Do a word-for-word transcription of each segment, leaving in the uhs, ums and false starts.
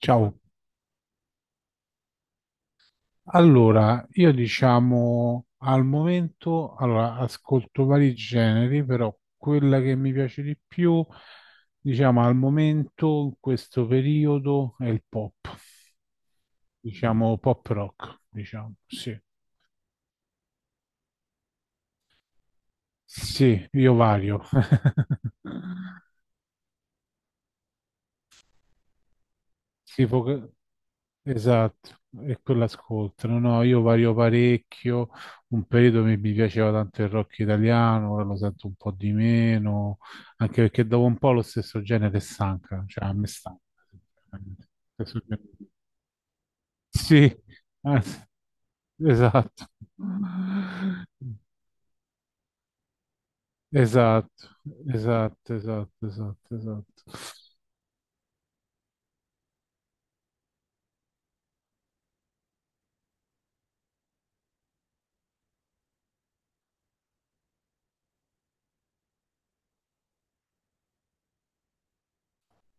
Ciao, allora io diciamo al momento, allora, ascolto vari generi, però quella che mi piace di più, diciamo al momento, in questo periodo, è il pop, diciamo pop rock, diciamo, sì, sì, io vario. Sì, poca- esatto, e quello ascoltano. No, io vario parecchio. Un periodo mi, mi piaceva tanto il rock italiano, ora lo sento un po' di meno, anche perché dopo un po' lo stesso genere stanca, cioè a me stanca. Sinceramente. Stesso genere. Sì, anzi, esatto. Esatto, esatto, esatto, esatto, esatto.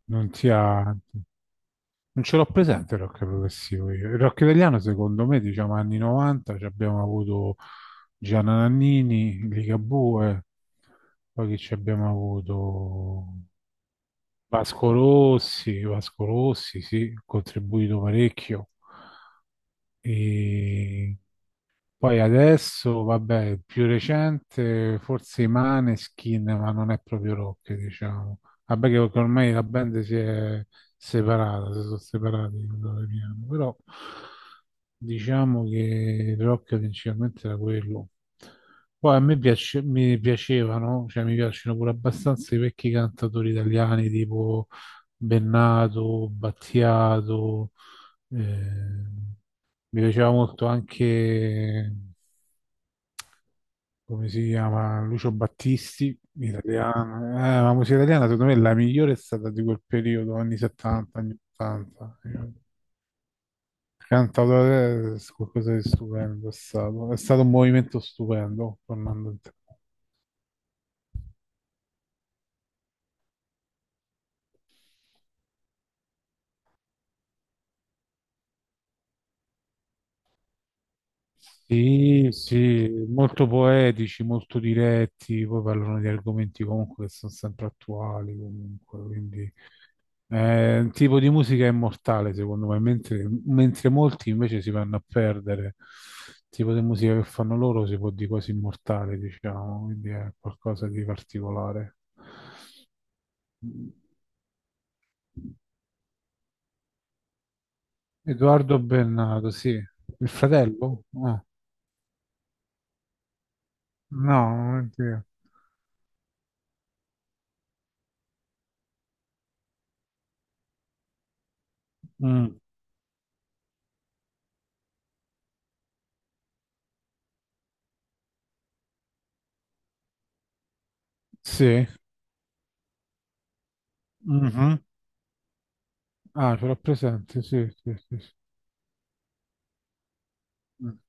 Non ti ha. Non ce l'ho presente il rock progressivo io. Il rock italiano, secondo me, diciamo anni novanta, ci abbiamo avuto Gianna Nannini, Ligabue, poi che ci abbiamo avuto Vasco Rossi, Vasco Rossi, sì, ha contribuito parecchio. E poi adesso, vabbè, più recente, forse i Maneskin, ma non è proprio rock, diciamo. Vabbè, che che ormai la band si è separata, si sono separati, quello che piano. Però diciamo che il rock principalmente era quello. Poi a me piace- mi piacevano, cioè mi piacciono pure abbastanza i vecchi cantatori italiani tipo Bennato, Battiato, eh, mi piaceva molto anche come si chiama? Lucio Battisti, italiano. Eh, la musica italiana secondo me è la migliore è stata di quel periodo, anni settanta, anni ottanta. Cantautore è qualcosa di stupendo, è stato, è stato un movimento stupendo, tornando in te. Sì, sì, molto poetici, molto diretti, poi parlano di argomenti comunque che sono sempre attuali, comunque, quindi. È un tipo di musica immortale, secondo me, mentre, mentre molti invece si vanno a perdere. Il tipo di musica che fanno loro si può dire quasi immortale, diciamo, quindi è qualcosa di particolare. Edoardo Bennato, sì. Il fratello? Ah, no, oddio. Mm, sì. Mhm. Ah, ce l'ho presente, sì, sì, sì. Sì. Mm.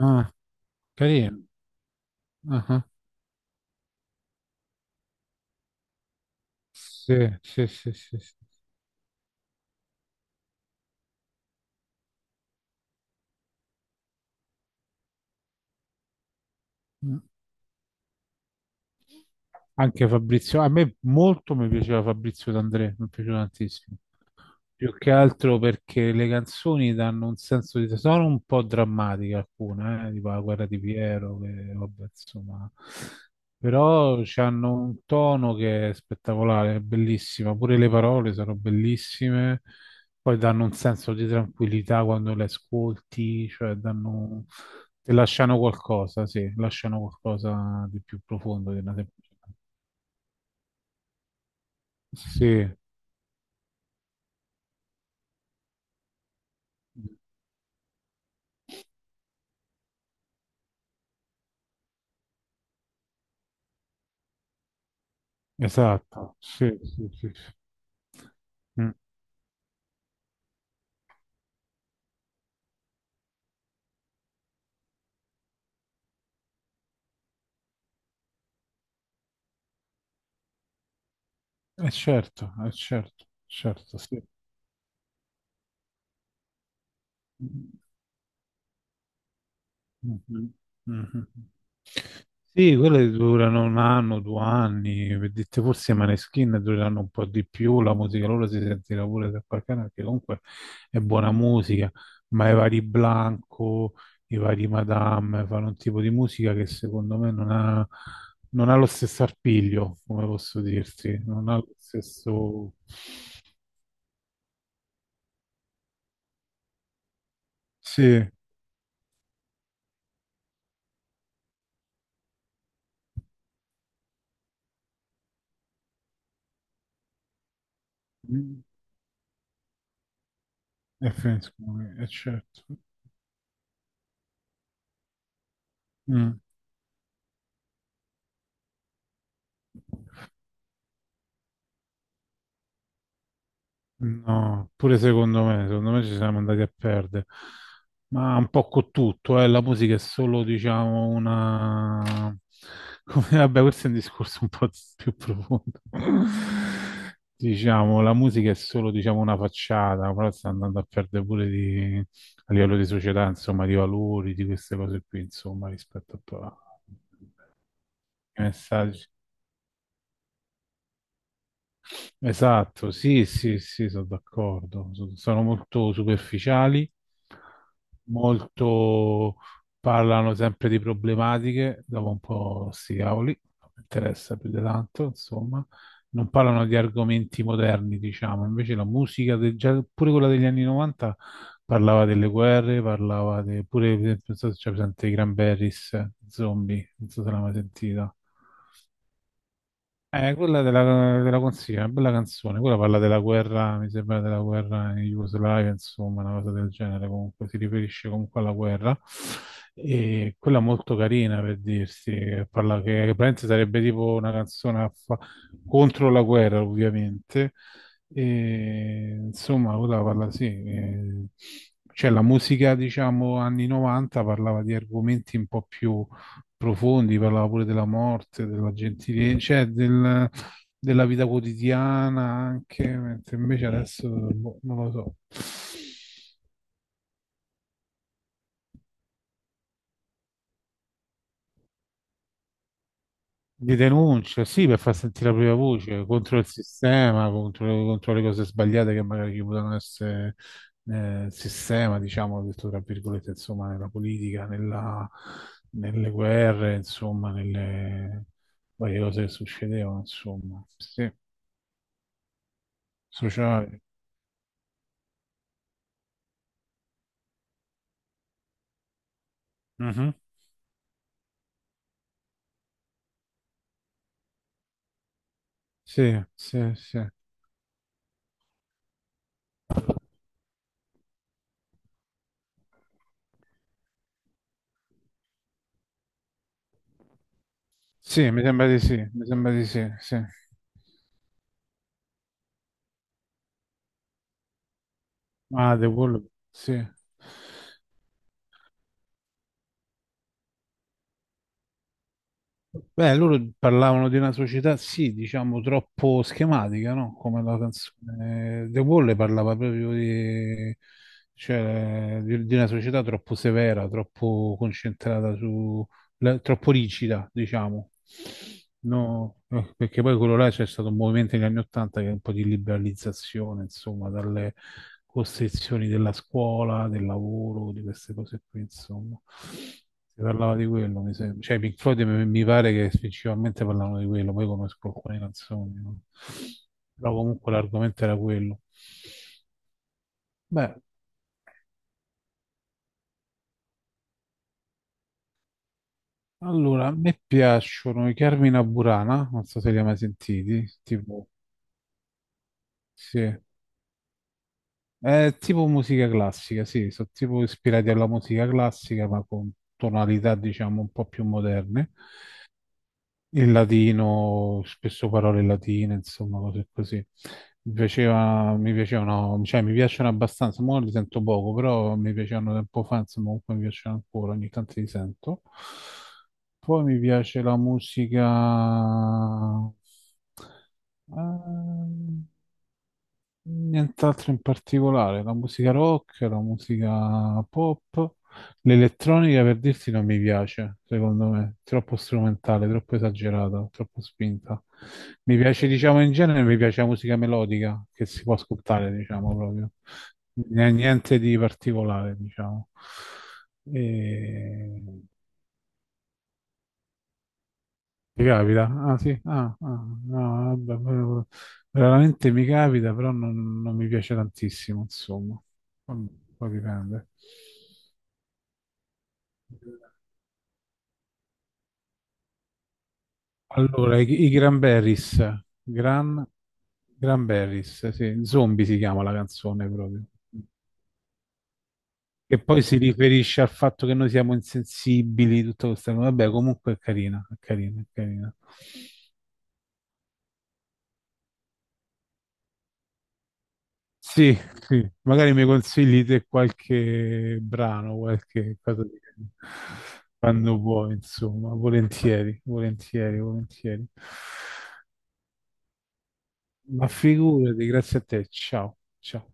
Ah, carino. Ah, ah. Sì, sì, sì, sì, sì. Mm. Anche Fabrizio, a me molto mi piaceva Fabrizio D'André, mi piaceva tantissimo. Più che altro perché le canzoni danno un senso di... sono un po' drammatiche alcune, eh, tipo La guerra di Piero, che vabbè, insomma... Però hanno un tono che è spettacolare, è bellissima, pure le parole sono bellissime, poi danno un senso di tranquillità quando le ascolti, cioè danno... ti lasciano qualcosa, sì, lasciano qualcosa di più profondo di una semplice... Sì, esatto, sì, sì, sì. Sì. Mm. Eh, certo, eh, certo, certo, sì. Mhm, mhm. Sì, quelle durano un anno, due anni, per dirti forse i Maneskin durano un po' di più, la musica loro si sentirà pure da qualche anno, perché comunque è buona musica, ma i vari Blanco, i vari Madame fanno un tipo di musica che secondo me non ha, non ha lo stesso arpiglio, come posso dirti, non ha lo stesso... Sì, mm, è Friendsgiving, è certo. Mm. No, pure secondo me, secondo me ci siamo andati a perdere, ma un po' con tutto, eh, la musica è solo, diciamo, una... come- vabbè, questo è un discorso un po' più profondo. Diciamo, la musica è solo, diciamo, una facciata, però sta andando a perdere pure di... a livello di società, insomma, di valori, di queste cose qui, insomma, rispetto a... ai messaggi. Esatto, sì, sì, sì, sono d'accordo. So- Sono molto superficiali, molto parlano sempre di problematiche, dopo un po' sti cavoli, non mi interessa più di tanto, insomma. Non parlano di argomenti moderni, diciamo. Invece la musica, del- già pure quella degli anni novanta, parlava delle guerre, parlava de- pure, per esempio, non so se c'è presente i Cranberries, Zombie, non so se l'hai mai sentita. Eh, quella della, della consiglio, una bella canzone. Quella parla della guerra, mi sembra della guerra in Jugoslavia, insomma, una cosa del genere. Comunque si riferisce comunque alla guerra. E quella molto carina per dirsi, che parla che, che praticamente sarebbe tipo una canzone a fa- contro la guerra, ovviamente. E, insomma, quella parla sì. eh, cioè la musica, diciamo, anni novanta parlava di argomenti un po' più profondi, parlava pure della morte, della gentilezza, cioè del- della vita quotidiana anche, mentre invece adesso boh, non lo so. Di denuncia, sì, per far sentire la propria voce contro il sistema, contro, contro le cose sbagliate che magari ci potevano essere nel sistema, diciamo, detto tra virgolette, insomma, nella politica, nella- nelle guerre, insomma, nelle varie cose che succedevano, insomma, sì, sociali. Sì, sì, sì. Sì, mi sembra di sì, mi sembra di sì, sì. Ah, The Wall, sì. Beh, loro parlavano di una società, sì, diciamo, troppo schematica, no? Come la canzone The Wall parlava proprio di, cioè, di, di una società troppo severa, troppo concentrata su, la- troppo rigida, diciamo. No, eh, perché poi quello là c'è stato un movimento negli anni Ottanta che è un po' di liberalizzazione, insomma, dalle, costrizioni della scuola, del lavoro, di queste cose qui, insomma. Si parlava di quello, mi sembra. Cioè, i Pink Floyd mi mi pare che principalmente parlavano di quello, poi conosco alcune canzoni, no? Però comunque l'argomento era quello. Beh, allora, a me piacciono i Carmina Burana, non so se li hai mai sentiti, tipo, sì. È tipo musica classica, sì, sono tipo ispirati alla musica classica, ma con tonalità, diciamo, un po' più moderne. Il latino, spesso parole latine, insomma, cose così. Mi piaceva, mi piacevano, cioè mi piacciono abbastanza, ora li sento poco, però mi piacevano tempo fa, insomma, comunque mi piacciono ancora, ogni tanto li sento. Poi mi piace la musica... ehm, nient'altro in particolare, la musica rock, la musica pop, l'elettronica per dirti non mi piace, secondo me, troppo strumentale, troppo esagerata, troppo spinta. Mi piace, diciamo, in genere mi piace la musica melodica che si può ascoltare, diciamo, proprio. N- Niente di particolare, diciamo. E... Ti capita? Ah sì, ah, ah, no, vabbè, però- veramente mi capita, però non, non mi piace tantissimo, insomma. Vabbè, poi dipende. Allora, i, i Cranberries, Gran, Cranberries, sì, Zombie si chiama la canzone proprio. Che poi si riferisce al fatto che noi siamo insensibili, tutto questo. Vabbè, comunque è carina, è carina, è carina. Sì, sì, magari mi consigli te qualche brano, qualche cosa di... quando vuoi, insomma, volentieri, volentieri, volentieri. Ma figurati, grazie a te, ciao, ciao.